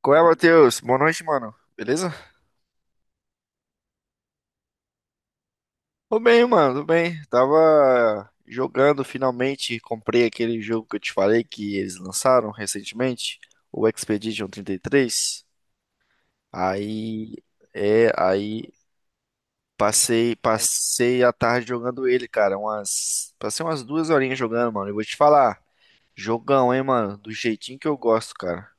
Qual é, Matheus? Boa noite, mano. Beleza? Tô bem, mano, tô bem. Tava jogando finalmente, comprei aquele jogo que eu te falei que eles lançaram recentemente, o Expedition 33. Aí, aí passei a tarde jogando ele, cara, umas, passei umas duas horinhas jogando, mano. Eu vou te falar, jogão, hein, mano, do jeitinho que eu gosto, cara.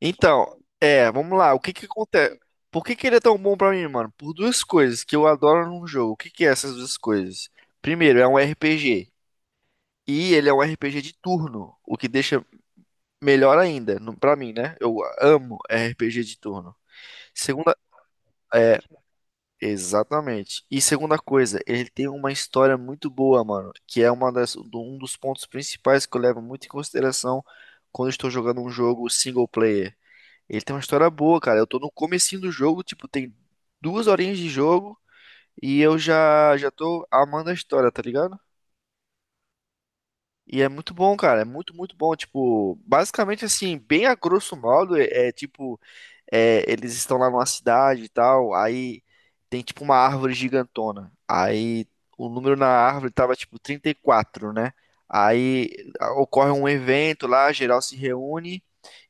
Então, é, vamos lá. O que que acontece? Por que que ele é tão bom pra mim, mano? Por duas coisas que eu adoro num jogo. O que que é essas duas coisas? Primeiro, é um RPG. E ele é um RPG de turno, o que deixa melhor ainda, pra mim, né? Eu amo RPG de turno. Segunda, é, exatamente. E segunda coisa, ele tem uma história muito boa, mano, que é uma das, um dos pontos principais que eu levo muito em consideração quando estou jogando um jogo single player. Ele tem uma história boa, cara. Eu tô no comecinho do jogo, tipo, tem duas horinhas de jogo e eu já tô amando a história, tá ligado? E é muito bom, cara. É muito, muito bom. Tipo, basicamente assim, bem a grosso modo, tipo, eles estão lá numa cidade e tal, aí tem tipo uma árvore gigantona. Aí o número na árvore tava tipo 34, né? Aí ocorre um evento lá, geral se reúne,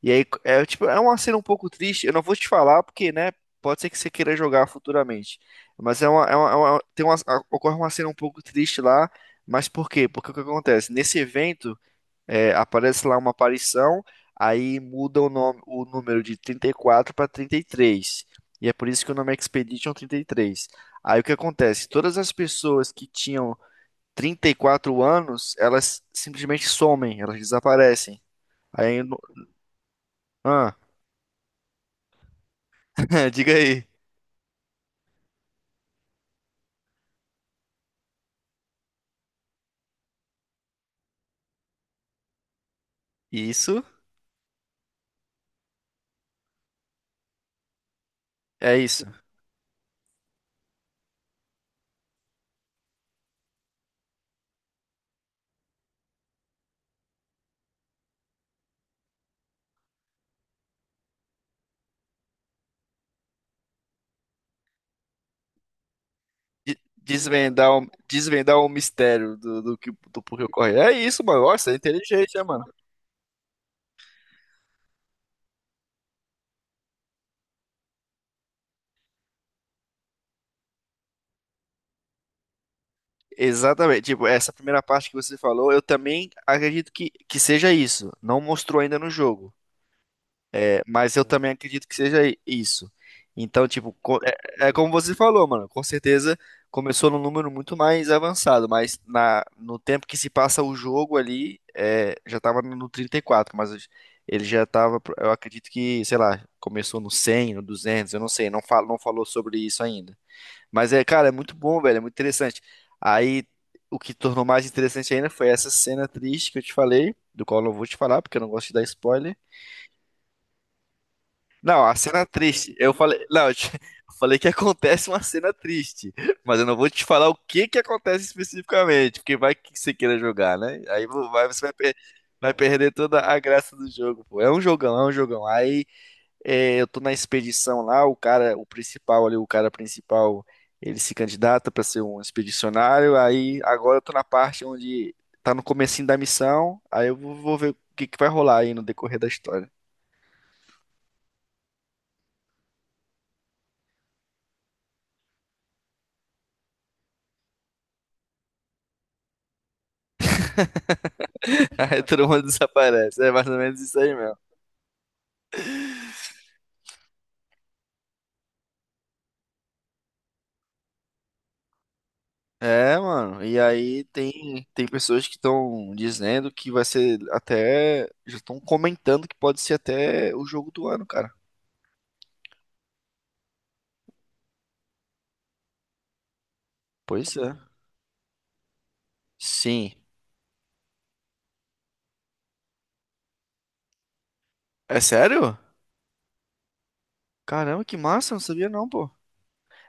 e aí é tipo, é uma cena um pouco triste. Eu não vou te falar porque, né, pode ser que você queira jogar futuramente. Mas ocorre uma cena um pouco triste lá, mas por quê? Porque o que acontece? Nesse evento é, aparece lá uma aparição, aí muda o nome, o número de 34 para 33, e é por isso que o nome é Expedition 33. Aí o que acontece? Todas as pessoas que tinham 34 anos, elas simplesmente somem, elas desaparecem. Aí, no- ah, diga aí. Isso é isso. Desvendar o, desvendar o mistério do, do porquê ocorre. É isso, mano. Nossa, é inteligente, né, mano? Exatamente. Tipo, essa primeira parte que você falou, eu também acredito que seja isso. Não mostrou ainda no jogo, é, mas eu também acredito que seja isso. Então, tipo, é, é como você falou, mano. Com certeza começou num número muito mais avançado, mas na, no tempo que se passa o jogo ali, é, já tava no 34, mas ele já tava, eu acredito que, sei lá, começou no 100, no 200, eu não sei, não falo, não falou sobre isso ainda. Mas é, cara, é muito bom, velho, é muito interessante. Aí, o que tornou mais interessante ainda foi essa cena triste que eu te falei, do qual eu não vou te falar, porque eu não gosto de dar spoiler. Não, a cena triste, eu falei, não, eu falei que acontece uma cena triste, mas eu não vou te falar o que que acontece especificamente, porque vai que você queira jogar, né? Você vai, vai perder toda a graça do jogo, pô. É um jogão, é um jogão. Aí é, eu tô na expedição lá, o cara, o principal ali, o cara principal, ele se candidata para ser um expedicionário, aí agora eu tô na parte onde tá no comecinho da missão, aí eu vou, vou ver o que que vai rolar aí no decorrer da história. Aí todo mundo desaparece, é mais ou menos isso aí mesmo. É, mano, e aí tem, tem pessoas que estão dizendo que vai ser até, já estão comentando que pode ser até o jogo do ano, cara. Pois é. Sim. É sério? Caramba, que massa, não sabia não, pô.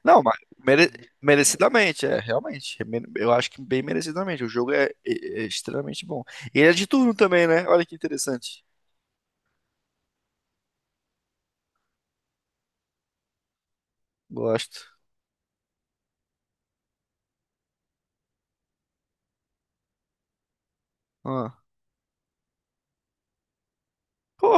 Não, mas merecidamente, é, realmente. Eu acho que bem merecidamente. O jogo é, é extremamente bom. E ele é de turno também, né? Olha que interessante. Gosto. Ah. Pô,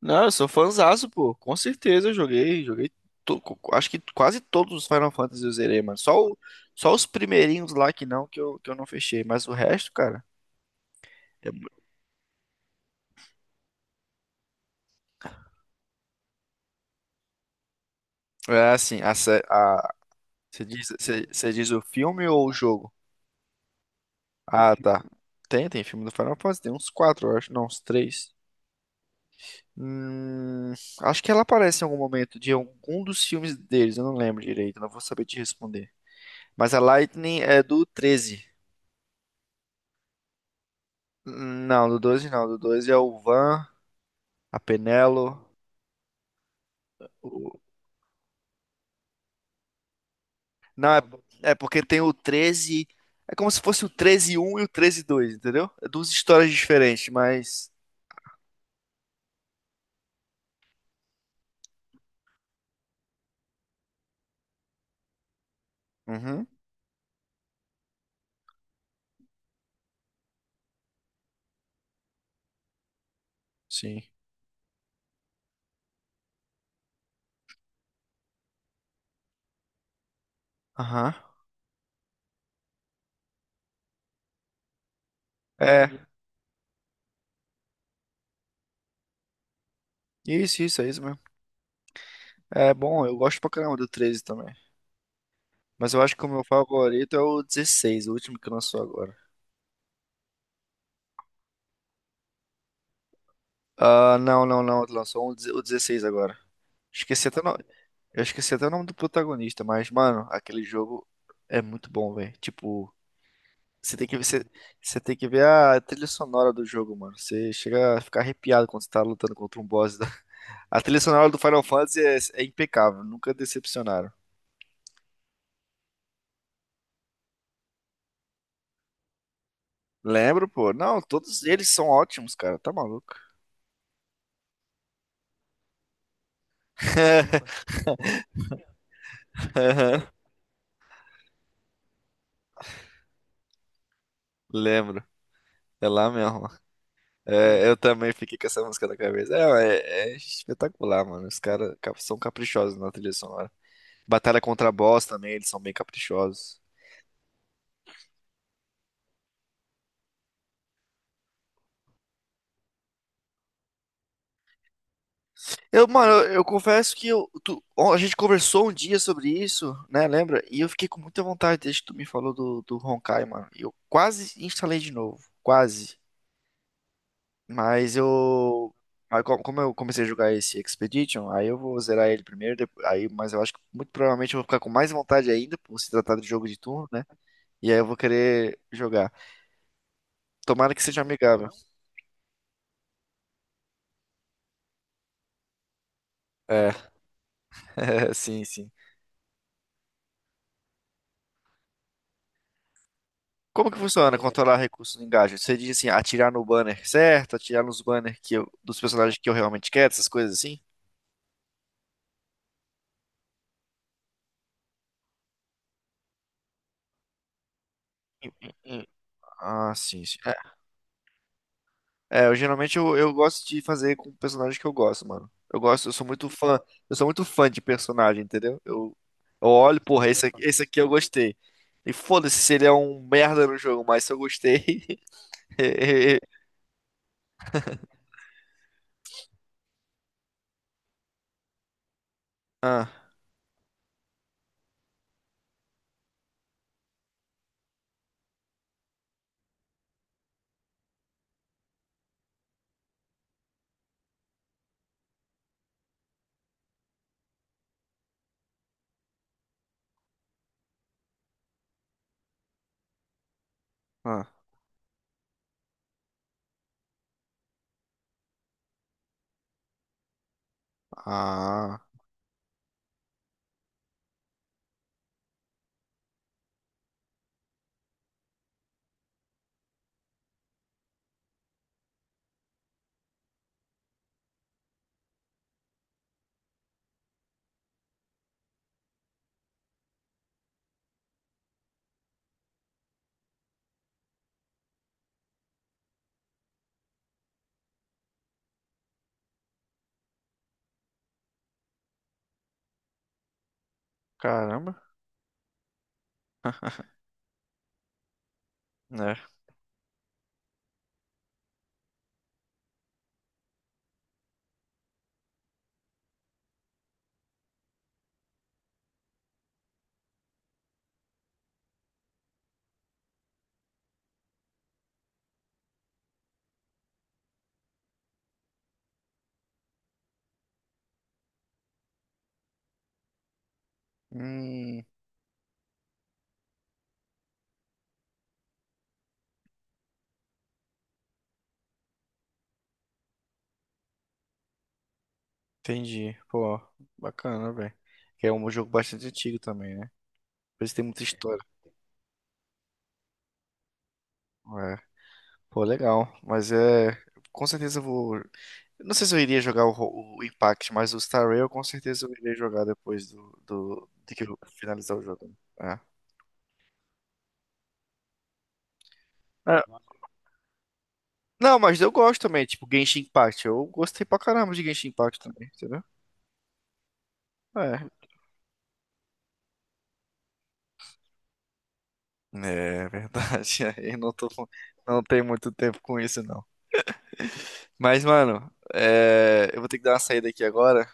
não, eu sou fãzaço, pô. Com certeza eu joguei, joguei. Acho que quase todos os Final Fantasy eu zerei, mano. Só os primeirinhos lá que não, que eu não fechei. Mas o resto, cara. É, mu- é assim, a, sé- a, você diz, você, você diz o filme ou o jogo? Ah, tá. Tem, tem filme do Final Fantasy, tem uns quatro, eu acho. Não, uns três. Hum, acho que ela aparece em algum momento de algum dos filmes deles, eu não lembro direito, não vou saber te responder. Mas a Lightning é do 13. Não, do 12, não, do 12 é o Van, a Penelo. o- Não, é, é porque tem o 13. É como se fosse o treze um e o treze dois, entendeu? É duas histórias diferentes, mas. Uhum, sim. Aham. É, isso, é isso mesmo. É bom, eu gosto pra caramba do 13 também. Mas eu acho que o meu favorito é o 16, o último que lançou agora. Ah, não, não, não. Lançou um, o 16 agora. Esqueci até o nome. Eu esqueci até o nome do protagonista, mas, mano, aquele jogo é muito bom, velho. Tipo, você tem que ver, você, você tem que ver a trilha sonora do jogo, mano. Você chega a ficar arrepiado quando você tá lutando contra um boss. A trilha sonora do Final Fantasy é, é impecável, nunca decepcionaram. Lembro, pô. Não, todos eles são ótimos, cara. Tá maluco? Lembro. É lá mesmo. É, eu também fiquei com essa música na cabeça. É, é, é espetacular, mano. São caprichosos na trilha sonora. Batalha contra a boss também, eles são bem caprichosos. Eu, mano, eu confesso que eu, ó, a gente conversou um dia sobre isso, né? Lembra? E eu fiquei com muita vontade desde que tu me falou do, do Honkai, mano. E eu quase instalei de novo. Quase. Mas eu. Aí, como eu comecei a jogar esse Expedition, aí eu vou zerar ele primeiro. Aí, mas eu acho que muito provavelmente eu vou ficar com mais vontade ainda, por se tratar de jogo de turno, né? E aí eu vou querer jogar. Tomara que seja amigável. É, sim, sim. Como que funciona controlar recursos no Engadget? Você diz assim, atirar no banner certo, atirar nos banners dos personagens que eu realmente quero, essas coisas assim? Hum, hum, hum. Ah, sim, sim. É, é, eu geralmente eu gosto de fazer com personagens que eu gosto, mano. Eu gosto, eu sou muito fã, eu sou muito fã de personagem, entendeu? Eu olho, porra, esse aqui eu gostei. E foda-se se ele é um merda no jogo, mas se eu gostei. Ah, ah, ah. Caramba. Né? Hum, entendi. Pô, bacana, velho. Que é um jogo bastante antigo também, né? Por isso tem muita história. É. Pô, legal. Mas é. Com certeza eu vou. Eu não sei se eu iria jogar o, o Impact, mas o Star Rail com certeza eu irei jogar depois do, do, de que eu finalizar o jogo. Né? É. É. Não, mas eu gosto também, tipo, Genshin Impact. Eu gostei pra caramba de Genshin Impact também, entendeu? É. É verdade. Aí não tô, com- não tenho muito tempo com isso, não. Mas, mano, é, eu vou ter que dar uma saída aqui agora.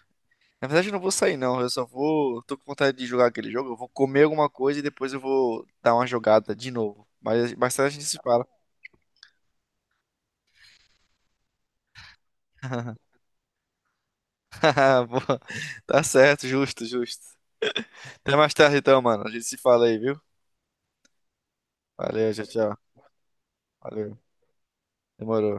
Na verdade, eu não vou sair, não. Eu só vou. Tô com vontade de jogar aquele jogo. Eu vou comer alguma coisa e depois eu vou dar uma jogada de novo. Mas mais tarde a gente se fala. Boa. Tá certo, justo, justo. Até mais tarde, então, mano. A gente se fala aí, viu? Valeu, tchau, tchau. Valeu. Demorou.